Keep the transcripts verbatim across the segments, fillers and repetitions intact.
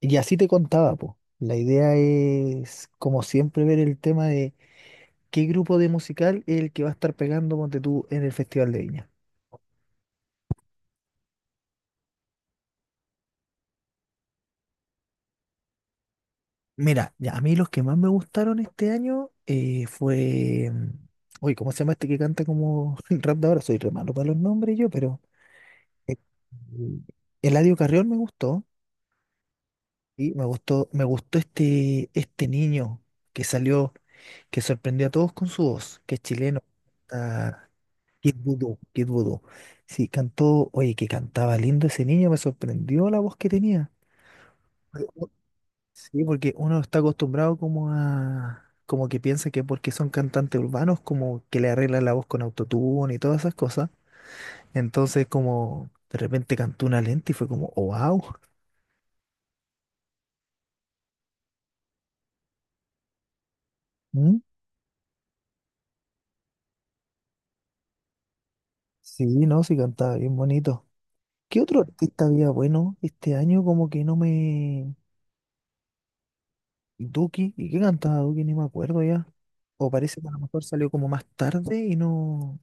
Y así te contaba, po. La idea es, como siempre, ver el tema de qué grupo de musical es el que va a estar pegando, ponte tú, en el Festival de Viña. Mira, ya, a mí los que más me gustaron este año. eh, fue... mm, Uy, ¿cómo se llama este que canta como el rap de ahora? Soy re malo para los nombres yo, pero... eh, Eladio Carrión me gustó. Y me gustó, me gustó este, este niño que salió, que sorprendió a todos con su voz, que es chileno. Kid Voodoo, Kid Voodoo. Sí, cantó, oye, que cantaba lindo ese niño, me sorprendió la voz que tenía. Porque u- Sí, porque uno está acostumbrado como a, como que piensa que porque son cantantes urbanos, como que le arreglan la voz con autotune y todas esas cosas. Entonces, como de repente cantó una lenta y fue como, oh wow. ¿Mm? Sí, no, sí cantaba bien bonito. ¿Qué otro artista había bueno este año? Como que no me... Duki, ¿y qué cantaba Duki? Ni me acuerdo ya. O parece que a lo mejor salió como más tarde y no.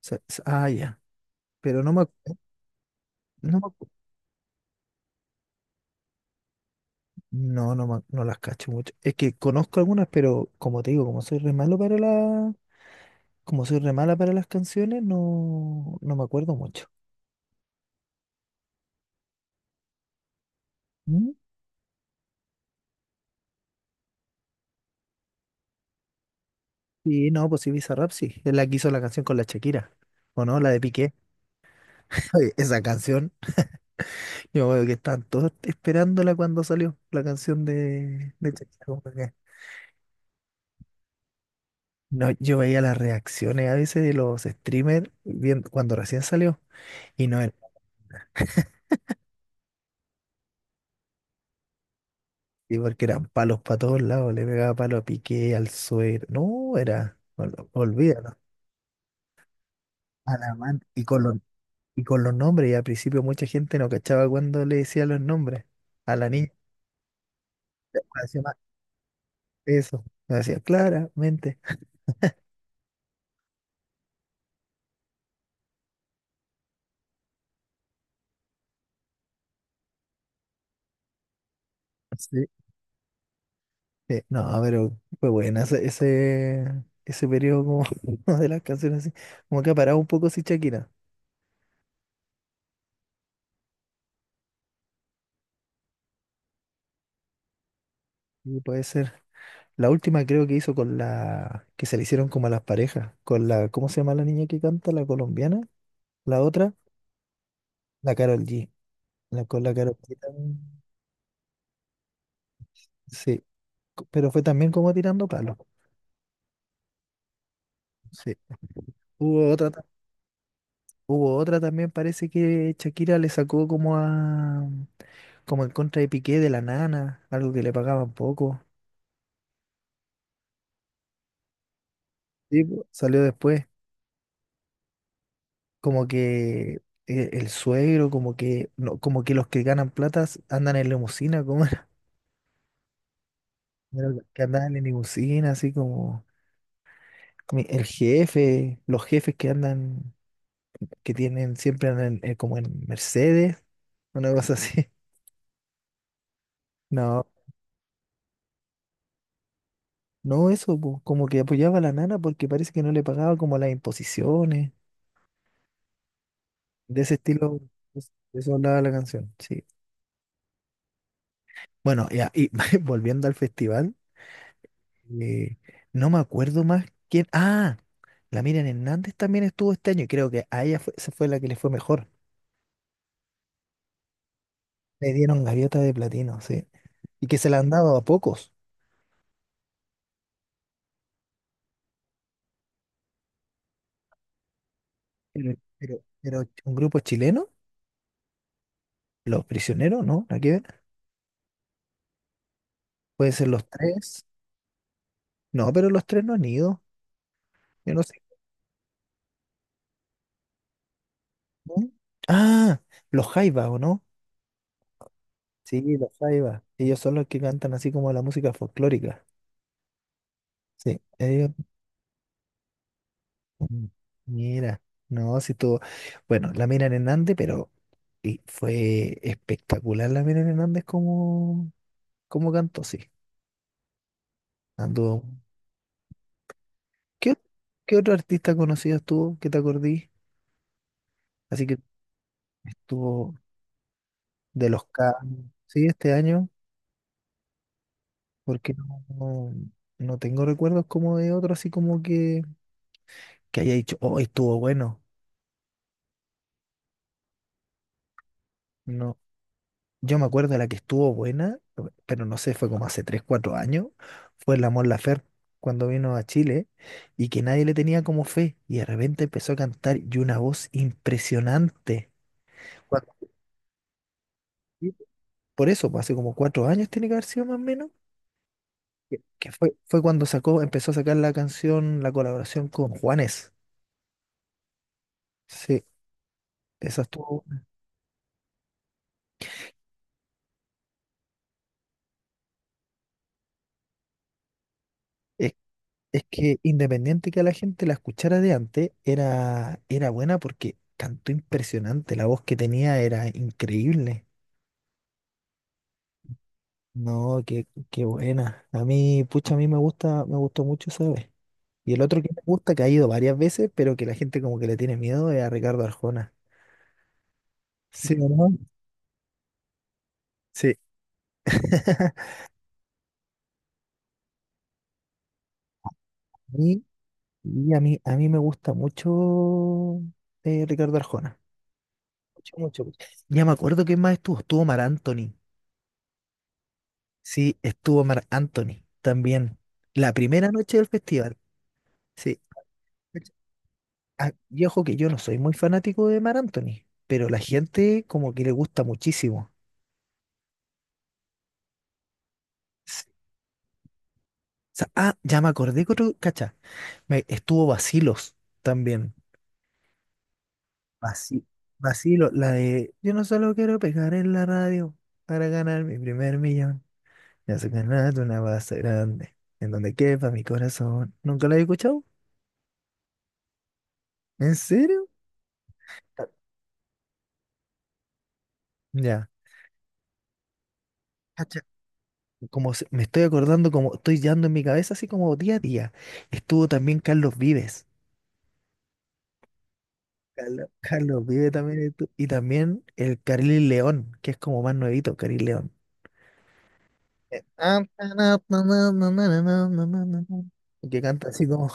se- se- Ah, ya. Pero no me, acu- no me acu- no, no, me- No las cacho mucho. Es que conozco algunas, pero como te digo, como soy re malo para la, como soy re mala para las canciones, no, no me acuerdo mucho. ¿Mm? Sí, no, pues sí, Bizarrap sí. Es la que hizo la canción con la Shakira. ¿O no? La de Piqué. Oye, esa canción, yo veo que estaban todos esperándola cuando salió la canción de, de Shakira. No, yo veía las reacciones a veces de los streamers bien- cuando recién salió. Y no era así porque eran palos para todos lados. Le pegaba palo a Piqué, al suero. No, era. ol- Olvídalo. A la man. Y con los, y con los nombres. Y al principio mucha gente no cachaba cuando le decía los nombres. A la niña le pareció más eso. Me decía claramente. Sí, sí. No, pero fue buena ese, ese, ese periodo como de las canciones así. Como que ha parado un poco si Shakira. Y puede ser. La última creo que hizo con la que se le hicieron como a las parejas, con la, ¿cómo se llama la niña que canta? La colombiana, la otra, la Carol G. La, con la Karol G también, sí, co- pero fue también como tirando palos. Sí. Hubo otra, ta- hubo otra también, parece que Shakira le sacó como a como en contra de Piqué de la nana, algo que le pagaban poco. Sí, po, salió después, como que eh, el suegro, como que no, como que los que ganan platas andan en limusina, como. Pero los que andan en limusina, así como mi- el jefe, los jefes que andan, que tienen siempre andan en- eh, como en Mercedes, una cosa así. No, no eso, po, como que apoyaba a la nana porque parece que no le pagaba como las imposiciones, de ese estilo, pues, de eso hablaba la canción, sí. Bueno, ya, y volviendo al festival, eh, no me acuerdo más quién. Ah, la Miriam Hernández también estuvo este año y creo que a ella fue- esa fue la que le fue mejor. Le dieron gaviota de platino, sí. Y que se la han dado a pocos. Pero, pero, pero un grupo chileno, los Prisioneros, ¿no? Nada que ver. Pueden ser los tres. No, pero los tres no han ido. Yo no sé. ¿Mm? Ah, los Jaivas, ¿o no? Sí, los Jaivas. Ellos son los que cantan así como la música folclórica. Sí, ellos. Mm. Mira, no, si tú. Bueno, la Miriam Hernández, pero y fue espectacular la Miriam Hernández como, como, cantó, sí. Anduvo. ¿Qué, qué otro artista conocido estuvo que te acordí? Así que estuvo de los K, sí, este año, porque no, no- no tengo recuerdos como de otro, así como que, que haya dicho, oh, estuvo bueno. No, yo me acuerdo de la que estuvo buena, pero no sé, fue como hace tres cuatro años, fue la Mon Laferte cuando vino a Chile y que nadie le tenía como fe y de repente empezó a cantar y una voz impresionante. Cuando- sí, por eso, pues, hace como cuatro años tiene que haber sido más o menos, que que fue, fue cuando sacó, empezó a sacar la canción, la colaboración con Juanes. Sí, esa estuvo. Es, es que independiente que a la gente la escuchara de antes, era, era buena porque cantó impresionante. La voz que tenía era increíble. No, qué, qué buena. A mí pucha, a mí me gusta, me gustó mucho, ¿sabes? Y el otro que me gusta, que ha ido varias veces, pero que la gente como que le tiene miedo, es a Ricardo Arjona. ¿Sí o no? Sí. y y a mí, a mí me gusta mucho eh, Ricardo Arjona. Mucho, mucho, mucho. Ya me acuerdo quién más estuvo. Estuvo Mar Anthony. Sí, estuvo Marc Anthony también. La primera noche del festival. Sí. Ah, y ojo que yo no soy muy fanático de Marc Anthony, pero la gente como que le gusta muchísimo. S- sa- ah, ya me acordé que otro, cacha, me, estuvo Vacilos también. Vaci- Vacilos, la de yo no solo quiero pegar en la radio para ganar mi primer millón. Me hace ganar una base grande en donde quepa mi corazón. ¿Nunca la he escuchado? ¿En serio? Ah, ya. como se- me estoy acordando, como estoy dando en mi cabeza, así como día a día. Estuvo también Carlos Vives. Carlos, Carlos Vives también estuvo- Y también el Caril León, que es como más nuevito, Caril León. Eh, ah, na, na, na, na, na, na, na, na, na, na, na, que canta así como,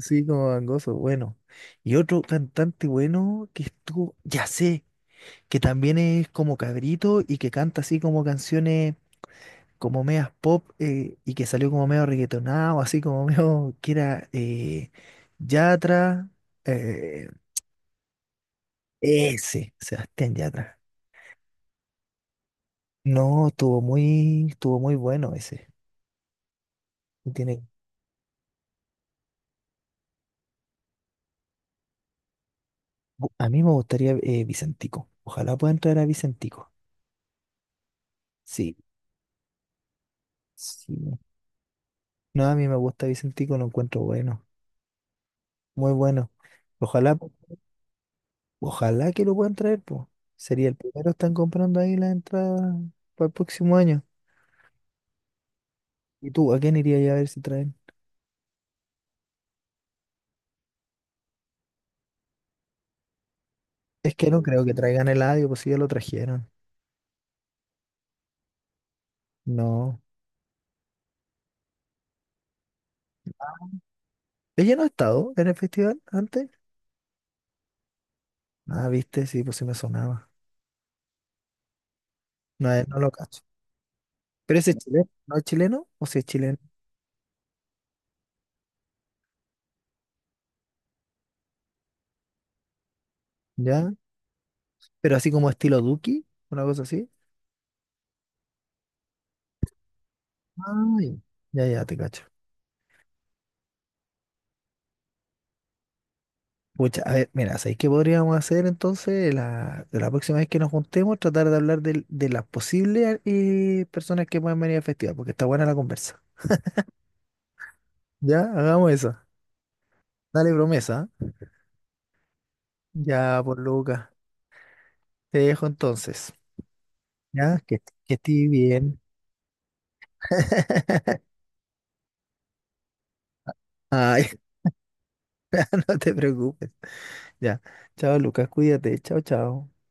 sí, como gangoso, bueno. Y otro cantante bueno que estuvo, ya sé, que también es como cabrito y que canta así como canciones como medias pop eh, y que salió como medio reggaetonado, así como medio que era eh, Yatra, eh, ese, Sebastián Yatra. No, estuvo muy, estuvo muy bueno ese. Tiene, a mí me gustaría eh, Vicentico. Ojalá pueda entrar a Vicentico. Sí, sí. No, a mí me gusta Vicentico, lo encuentro bueno, muy bueno. Ojalá, ojalá que lo puedan traer, pues. Sería el primero, están comprando ahí la entrada para el próximo año. ¿Y tú, a quién irías a ver si traen? Es que no creo que traigan el Eladio, pues si ya lo trajeron. No. ¿Ella no ha estado en el festival antes? Ah, viste, sí, pues sí me sonaba. No, eh, no lo cacho. ¿Pero ese es chileno? ¿No es chileno? ¿O si es chileno? ¿Ya? ¿Pero así como estilo Duki? ¿Una cosa así? Ay, ya, ya, te cacho. Pucha, a ver, mira, ¿sabéis qué podríamos hacer entonces la, la próxima vez que nos juntemos? Tratar de hablar del- de, las posibles eh, personas que pueden venir al festival, porque está buena la conversa. Ya, hagamos eso. Dale promesa. ¿Eh? Ya, por Lucas. Te dejo entonces. Ya, que, que estés bien. Ay, no te preocupes. Ya. Chao, Lucas, cuídate. Chao, chao.